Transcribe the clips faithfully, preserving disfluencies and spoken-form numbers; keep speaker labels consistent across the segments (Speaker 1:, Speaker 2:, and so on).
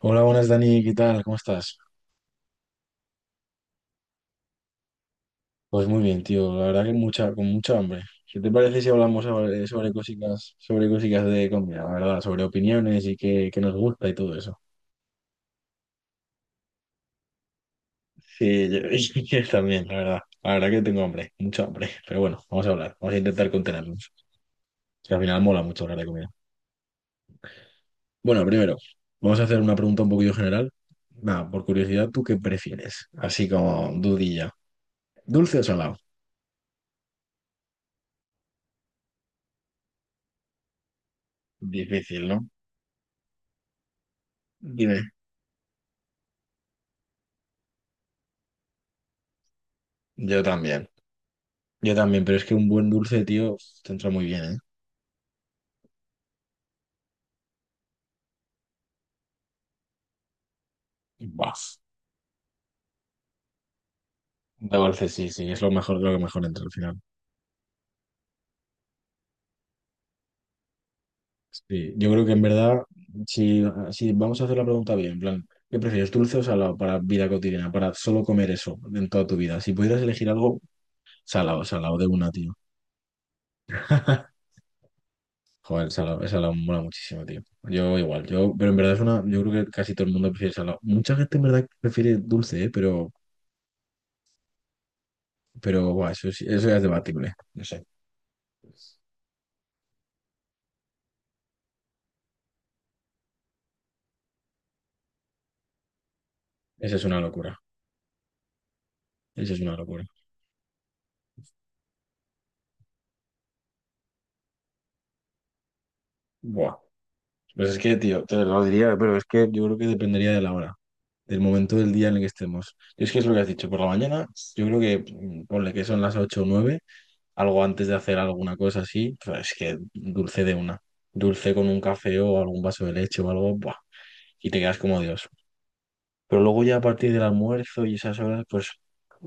Speaker 1: Hola, buenas Dani, ¿qué tal? ¿Cómo estás? Pues muy bien, tío. La verdad que mucha, con mucha hambre. ¿Qué te parece si hablamos sobre, sobre cositas, sobre cositas de comida, la verdad? Sobre opiniones y qué, qué nos gusta y todo eso. Sí, yo, yo también, la verdad. La verdad que tengo hambre, mucha hambre. Pero bueno, vamos a hablar, vamos a intentar contenernos. Que al final mola mucho hablar de comida. Bueno, primero, vamos a hacer una pregunta un poquillo general. Nada, por curiosidad, ¿tú qué prefieres? Así como dudilla. ¿Dulce o salado? Difícil, ¿no? Dime. Yo también. Yo también, pero es que un buen dulce, tío, te entra muy bien, ¿eh? Buah, de dulce, sí, sí, es lo mejor, lo que mejor entra al final. Sí, yo creo que en verdad, si, si vamos a hacer la pregunta bien, en plan, ¿qué prefieres, dulce o salado para vida cotidiana, para solo comer eso en toda tu vida? Si pudieras elegir algo, salado, salado de una, tío. Joder, salado, el salado mola muchísimo, tío. Yo igual, yo, pero en verdad es una, yo creo que casi todo el mundo prefiere salado. Mucha gente en verdad prefiere dulce, ¿eh? Pero, pero, buah, eso, sí- eso ya es debatible, no sé. Esa es una locura. Eso es una locura. Buah. Pues es que, tío, te lo diría, pero es que yo creo que dependería de la hora, del momento del día en el que estemos. Y es que es lo que has dicho, por la mañana, yo creo que mm, ponle que son las ocho o nueve, algo antes de hacer alguna cosa así, pues es que dulce de una. Dulce con un café o algún vaso de leche o algo, buah, y te quedas como Dios. Pero luego ya a partir del almuerzo y esas horas, pues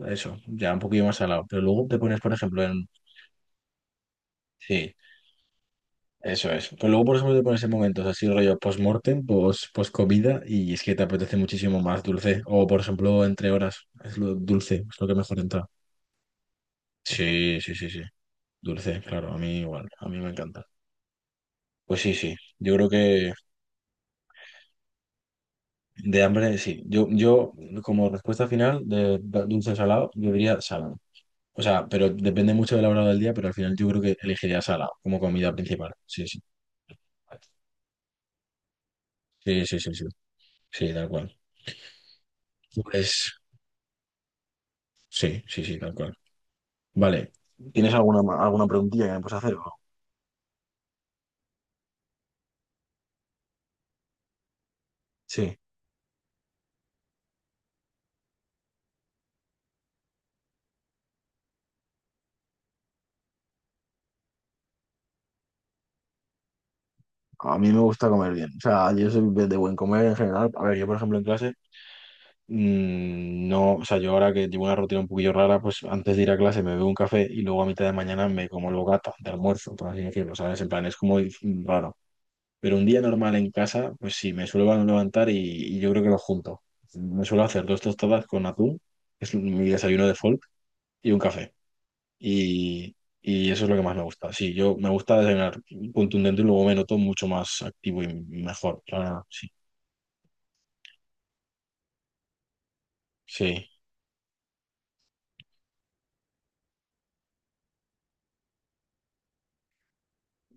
Speaker 1: eso, ya un poquillo más salado. Pero luego te pones, por ejemplo, en, sí, eso es. Pero luego, por eso te pones en momentos así, rollo post-mortem, post, comida y es que te apetece muchísimo más dulce. O, por ejemplo, entre horas, es lo dulce, es lo que mejor entra. Sí, sí, sí, sí. Dulce, claro, a mí igual, a mí me encanta. Pues sí, sí, yo creo que de hambre, sí. Yo, yo como respuesta final de dulce o salado, yo diría salado. O sea, pero depende mucho de la hora del día, pero al final yo creo que elegiría salado como comida principal. Sí, sí. Sí, sí, sí, sí. Sí, tal cual. Pues sí, sí, sí, tal cual. Vale. ¿Tienes alguna, ma- alguna preguntilla que me puedes hacer, o no? Sí, a mí me gusta comer bien. O sea, yo soy de de buen comer en general. A ver, yo por ejemplo en clase, mm, no, o sea, yo ahora que llevo una rutina un poquillo rara, pues antes de ir a clase me bebo un café y luego a mitad de mañana me como el bocata de almuerzo, por así decirlo, ¿sabes? En plan, es como dif- raro. Pero un día normal en casa, pues sí, me suelo levantar y, y yo creo que lo junto. Me suelo hacer dos tostadas con atún, que es mi desayuno de folk, y un café. y, y eso es lo que más me gusta. Sí, yo me gusta desayunar contundente y luego me noto mucho más activo y mejor. Claro, sí, sí,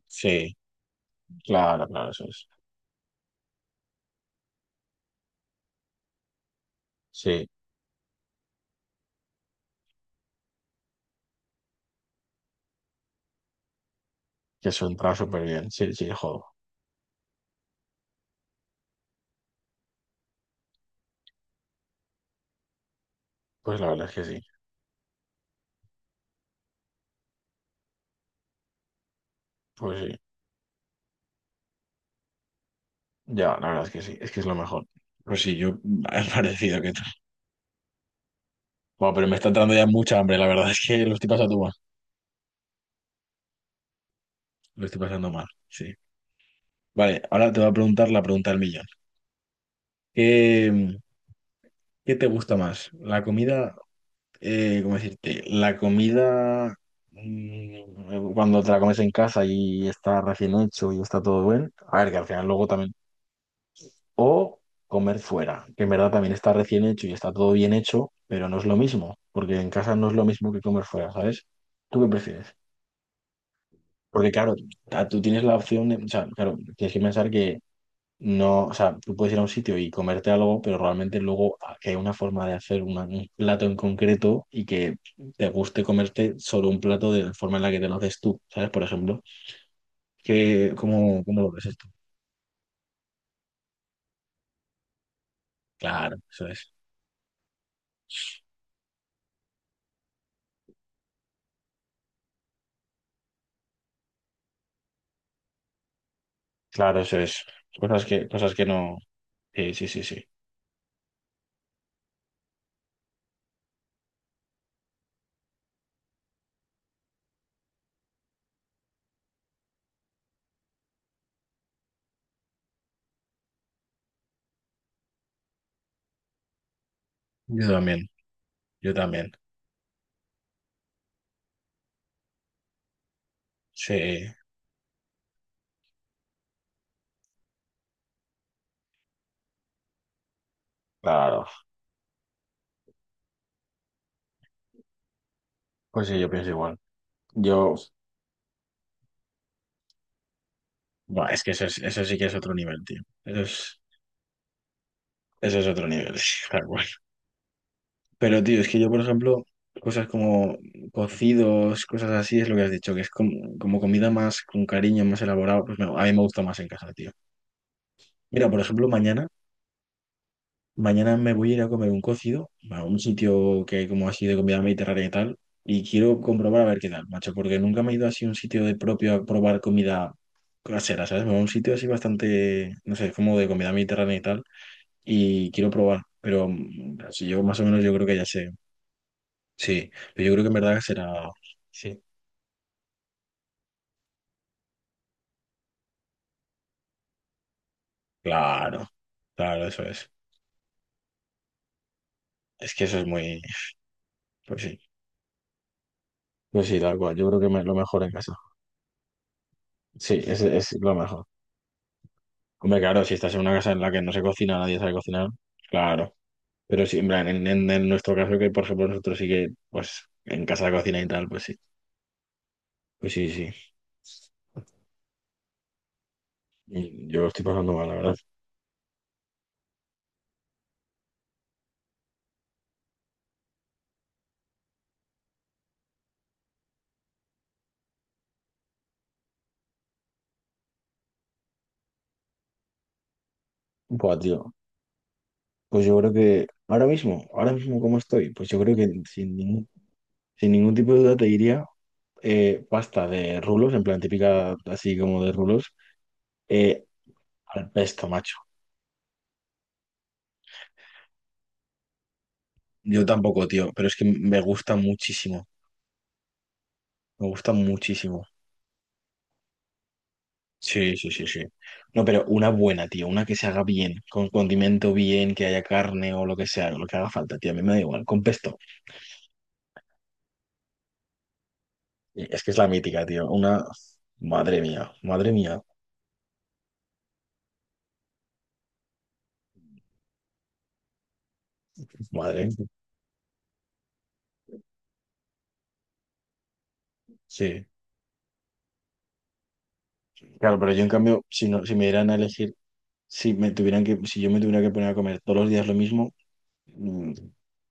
Speaker 1: sí, claro, claro, eso es. Sí, que eso entra súper bien. Sí, sí, jodo. Pues la verdad es que sí, pues sí. Ya, la verdad es que sí, es que es lo mejor. Pues sí, yo es parecido que tú. Bueno, pero me está entrando ya mucha hambre, la verdad es que lo estoy pasando mal. Lo estoy pasando mal, sí. Vale, ahora te voy a preguntar la pregunta del millón. ¿Qué, qué te gusta más? ¿La comida eh, cómo decirte? La comida, mm, cuando te la comes en casa y está recién hecho y está todo bien, a ver, que al final luego también, o comer fuera, que en verdad también está recién hecho y está todo bien hecho, pero no es lo mismo, porque en casa no es lo mismo que comer fuera, ¿sabes? ¿Tú qué prefieres? Porque claro, ta- tú tienes la opción de, o sea, claro, tienes que pensar que no, o sea, tú puedes ir a un sitio y comerte algo, pero realmente luego ah, que hay una forma de hacer una- un plato en concreto y que te guste comerte solo un plato de la forma en la que te lo haces tú, ¿sabes? Por ejemplo, que, ¿cómo, cómo lo ves esto? Claro, eso es. Claro, eso es. Cosas que, cosas que no. Sí, sí, sí, sí. Yo también, yo también. Sí, claro. Pues sí, yo pienso igual. Yo, buah, es que eso, es- eso sí que es otro nivel, tío. Eso es, eso es otro nivel, tal cual. Pero, tío, es que yo, por ejemplo, cosas como cocidos, cosas así, es lo que has dicho, que es como, como comida más con cariño, más elaborado, pues me- a mí me gusta más en casa, tío. Mira, por ejemplo, mañana, mañana me voy a ir a comer un cocido a un sitio que hay como así de comida mediterránea y tal, y quiero comprobar a ver qué tal, macho, porque nunca me he ido así a un sitio de propio a probar comida casera, ¿sabes? Me voy a un sitio así bastante, no sé, como de comida mediterránea y tal, y quiero probar, pero mm, así yo más o menos yo creo que ya sé. Sí, pero yo creo que en verdad será... Sí. Claro, claro, eso es. Es que eso es muy... Pues sí, pues sí, tal cual. Yo creo que me- lo mejor en casa. Sí, es, es lo mejor. Hombre, claro, si estás en una casa en la que no se cocina, nadie sabe cocinar, claro. Pero sí, en plan, en, en- en nuestro caso, que por ejemplo nosotros sí que, pues, en casa cocina y tal, pues sí. Pues sí, sí. Y yo lo estoy pasando mal, la verdad. Buah, tío. Pues yo creo que ahora mismo, ahora mismo cómo estoy, pues yo creo que sin ningún, sin ningún, tipo de duda te diría eh, pasta de rulos, en plan típica así como de rulos, eh, al pesto, macho. Yo tampoco, tío, pero es que me gusta muchísimo, me gusta muchísimo. Sí, sí, sí, sí. No, pero una buena, tío, una que se haga bien, con condimento bien, que haya carne o lo que sea, lo que haga falta, tío, a mí me da igual, con pesto. Y es que es la mítica, tío, una... Madre mía, madre mía, madre. Sí. Claro, pero yo en cambio, si no, si me dieran a elegir, si me tuvieran que, si yo me tuviera que poner a comer todos los días lo mismo, Mm,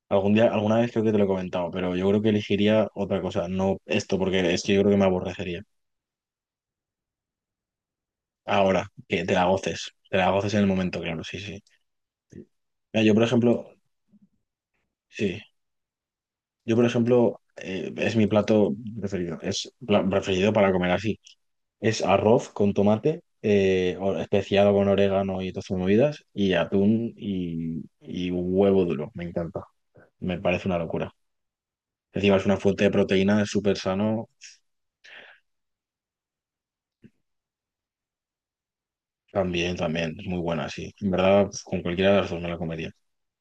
Speaker 1: algún día, alguna vez creo que te lo he comentado, pero yo creo que elegiría otra cosa, no esto, porque es que yo creo que me aborrecería. Ahora, que te la goces, te la goces en el momento, claro, sí, sí. Mira, yo por ejemplo, sí, yo por ejemplo, eh, es mi plato preferido, es pla- preferido para comer así. Es arroz con tomate, eh, o- especiado con orégano y todas sus movidas, y atún y, y huevo duro, me encanta, me parece una locura. Encima es una fuente de proteína, es súper sano. También, también, es muy buena, sí. En verdad, pues, con cualquiera de las dos me la comería.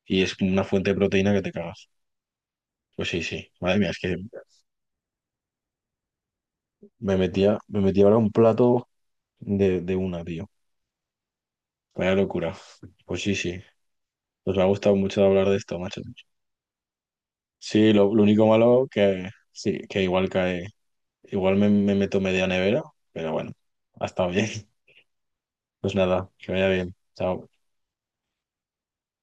Speaker 1: Y es como una fuente de proteína que te cagas. Pues sí, sí. Madre mía, es que me metía, me metía ahora un plato de, de una, tío. Vaya locura. Pues sí, sí. Pues me ha gustado mucho hablar de esto, macho. Sí, lo, lo único malo que sí, que igual cae. Igual me, me meto media nevera, pero bueno, ha estado bien. Pues nada, que vaya bien. Chao.